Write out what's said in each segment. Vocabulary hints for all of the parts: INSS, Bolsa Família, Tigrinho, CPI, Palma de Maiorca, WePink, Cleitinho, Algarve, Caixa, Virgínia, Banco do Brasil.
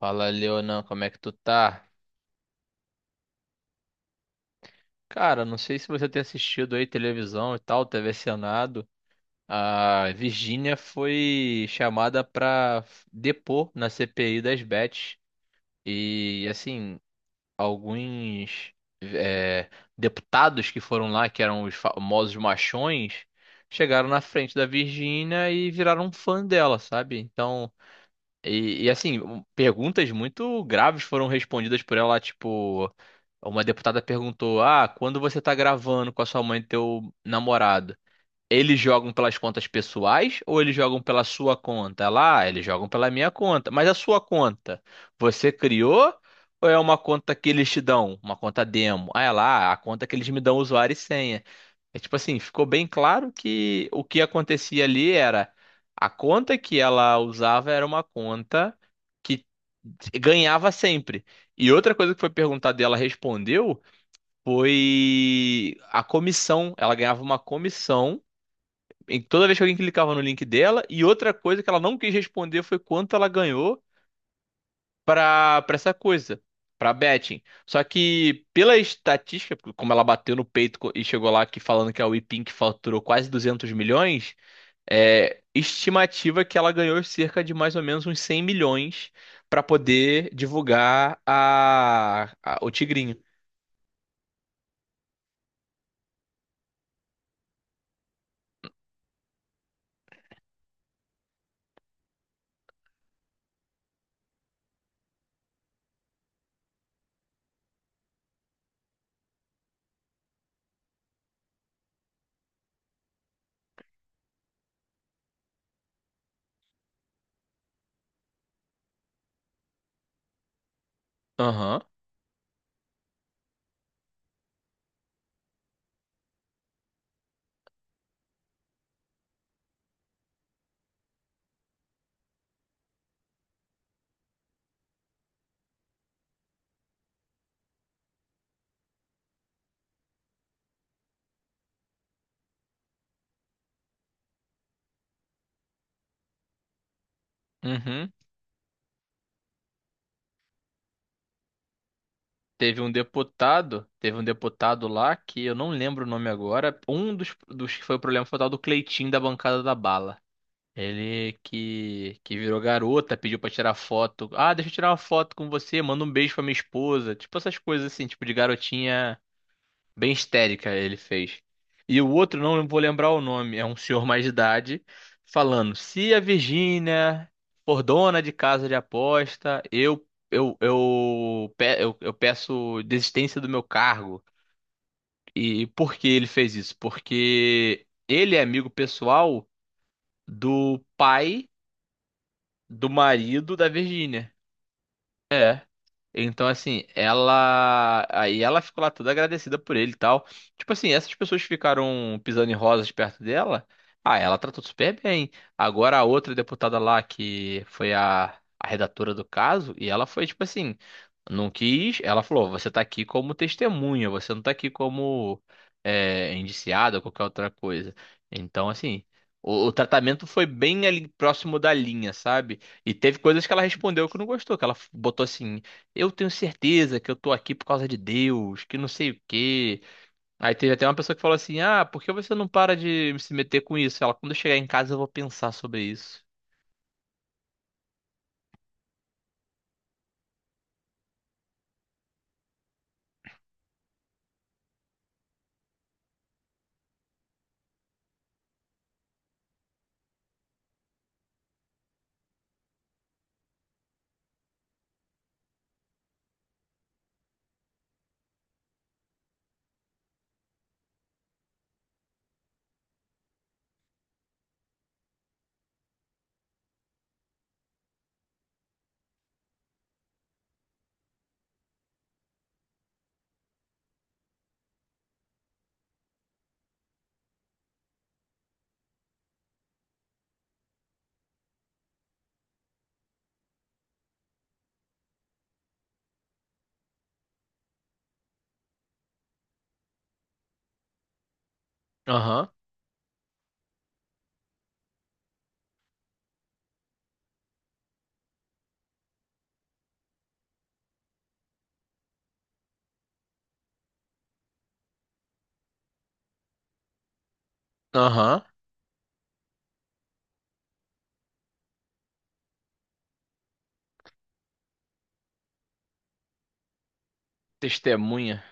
Fala, Leonan, como é que tu tá? Cara, não sei se você tem assistido aí televisão e tal, TV Senado. A Virgínia foi chamada pra depor na CPI das bets. E, assim, alguns é, deputados que foram lá, que eram os famosos machões, chegaram na frente da Virgínia e viraram fã dela, sabe? Então, e, assim, perguntas muito graves foram respondidas por ela, tipo, uma deputada perguntou: "Ah, quando você tá gravando com a sua mãe e teu namorado, eles jogam pelas contas pessoais ou eles jogam pela sua conta?" Ela, "Ah, eles jogam pela minha conta. Mas a sua conta, você criou ou é uma conta que eles te dão, uma conta demo?" Aí ela, "Ah, a conta que eles me dão usuário e senha." É tipo assim, ficou bem claro que o que acontecia ali era a conta que ela usava era uma conta que ganhava sempre. E outra coisa que foi perguntada e ela respondeu foi a comissão. Ela ganhava uma comissão em toda vez que alguém clicava no link dela. E outra coisa que ela não quis responder foi quanto ela ganhou pra para essa coisa, pra betting. Só que pela estatística, como ela bateu no peito co- e chegou lá que falando que a WePink faturou quase 200 milhões, é estimativa que ela ganhou cerca de mais ou menos uns 100 milhões pra poder divulgar o Tigrinho. Aham. Uhum. Teve um deputado lá que eu não lembro o nome agora. Um dos que foi o problema foi o tal do Cleitinho da bancada da bala. Ele que virou garota, pediu pra tirar foto. Ah, deixa eu tirar uma foto com você, manda um beijo pra minha esposa. Tipo essas coisas assim, tipo de garotinha bem histérica ele fez. E o outro, não vou lembrar o nome, é um senhor mais de idade, falando: se a Virgínia for dona de casa de aposta, eu peço desistência do meu cargo. E por que ele fez isso? Porque ele é amigo pessoal do pai. Do marido da Virgínia. Então, assim, ela. Aí ela ficou lá toda agradecida por ele e tal. Tipo assim, essas pessoas que ficaram pisando em rosas perto dela. Ah, ela tratou super bem. Agora a outra deputada lá, que foi a redatora do caso, e ela foi, tipo assim, não quis. Ela falou: você tá aqui como testemunha, você não tá aqui como indiciada ou qualquer outra coisa. Então, assim, o tratamento foi bem ali próximo da linha, sabe? E teve coisas que ela respondeu que não gostou, que ela botou assim. Eu tenho certeza que eu tô aqui por causa de Deus, que não sei o quê. Aí teve até uma pessoa que falou assim: Ah, por que você não para de se meter com isso? Ela, quando eu chegar em casa, eu vou pensar sobre isso. Aham, aham. Testemunha.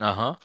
Aham.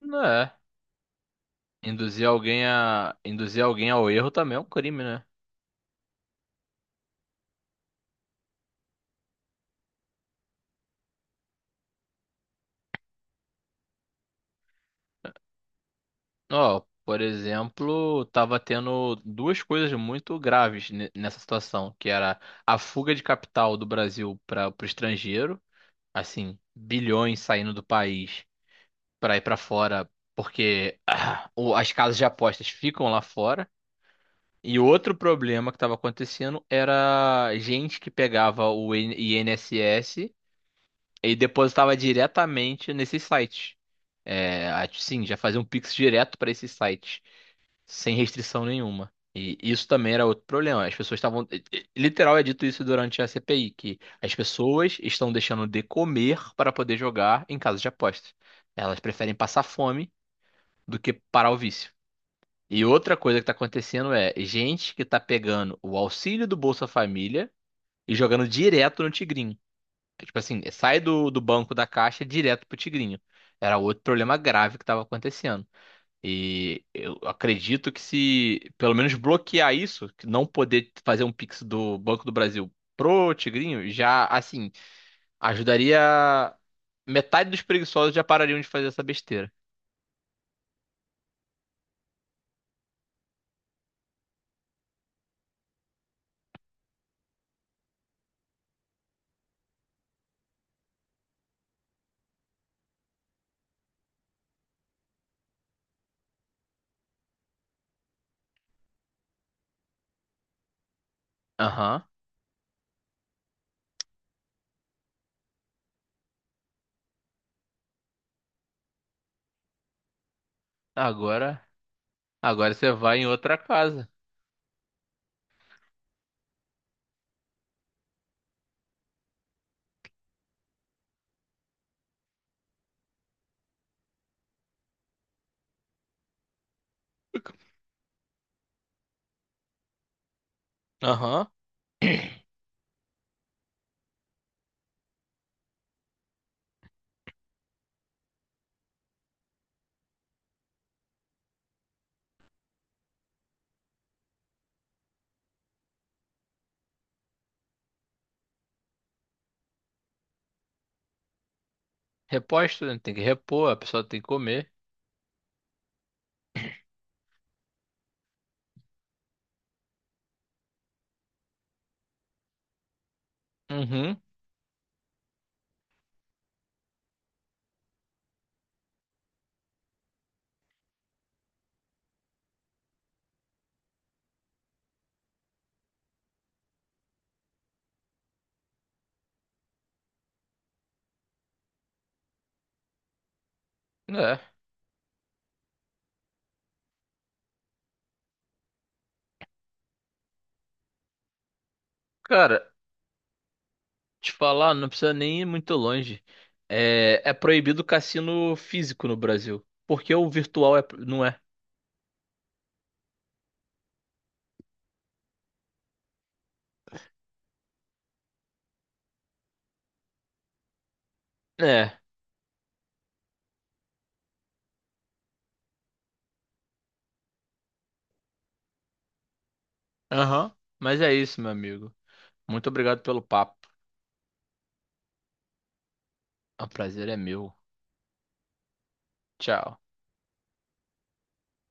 Não é. Induzir alguém a. Induzir alguém ao erro também é um crime, né? Ó, por exemplo, tava tendo duas coisas muito graves nessa situação, que era a fuga de capital do Brasil para o estrangeiro, assim, bilhões saindo do país para ir para fora, porque as casas de apostas ficam lá fora. E outro problema que estava acontecendo era gente que pegava o INSS e depositava diretamente nesses sites. É, sim, já fazia um Pix direto para esses sites, sem restrição nenhuma. E isso também era outro problema. As pessoas estavam. Literal é dito isso durante a CPI, que as pessoas estão deixando de comer para poder jogar em casas de apostas. Elas preferem passar fome do que parar o vício. E outra coisa que está acontecendo é gente que está pegando o auxílio do Bolsa Família e jogando direto no Tigrinho. É tipo assim, sai do banco da Caixa direto pro Tigrinho. Era outro problema grave que estava acontecendo. E eu acredito que se pelo menos bloquear isso, que não poder fazer um Pix do Banco do Brasil pro Tigrinho, já assim, ajudaria metade dos preguiçosos já parariam de fazer essa besteira. Aham. Agora Agora você vai em outra casa. Aham. Reposta, né? Tem que repor, a pessoa tem que comer. Uhum. É. Cara, te falar, não precisa nem ir muito longe. É, é proibido cassino físico no Brasil. Porque o virtual é, não é. É. Aham. Mas é isso, meu amigo. Muito obrigado pelo papo. O prazer é meu. Tchau.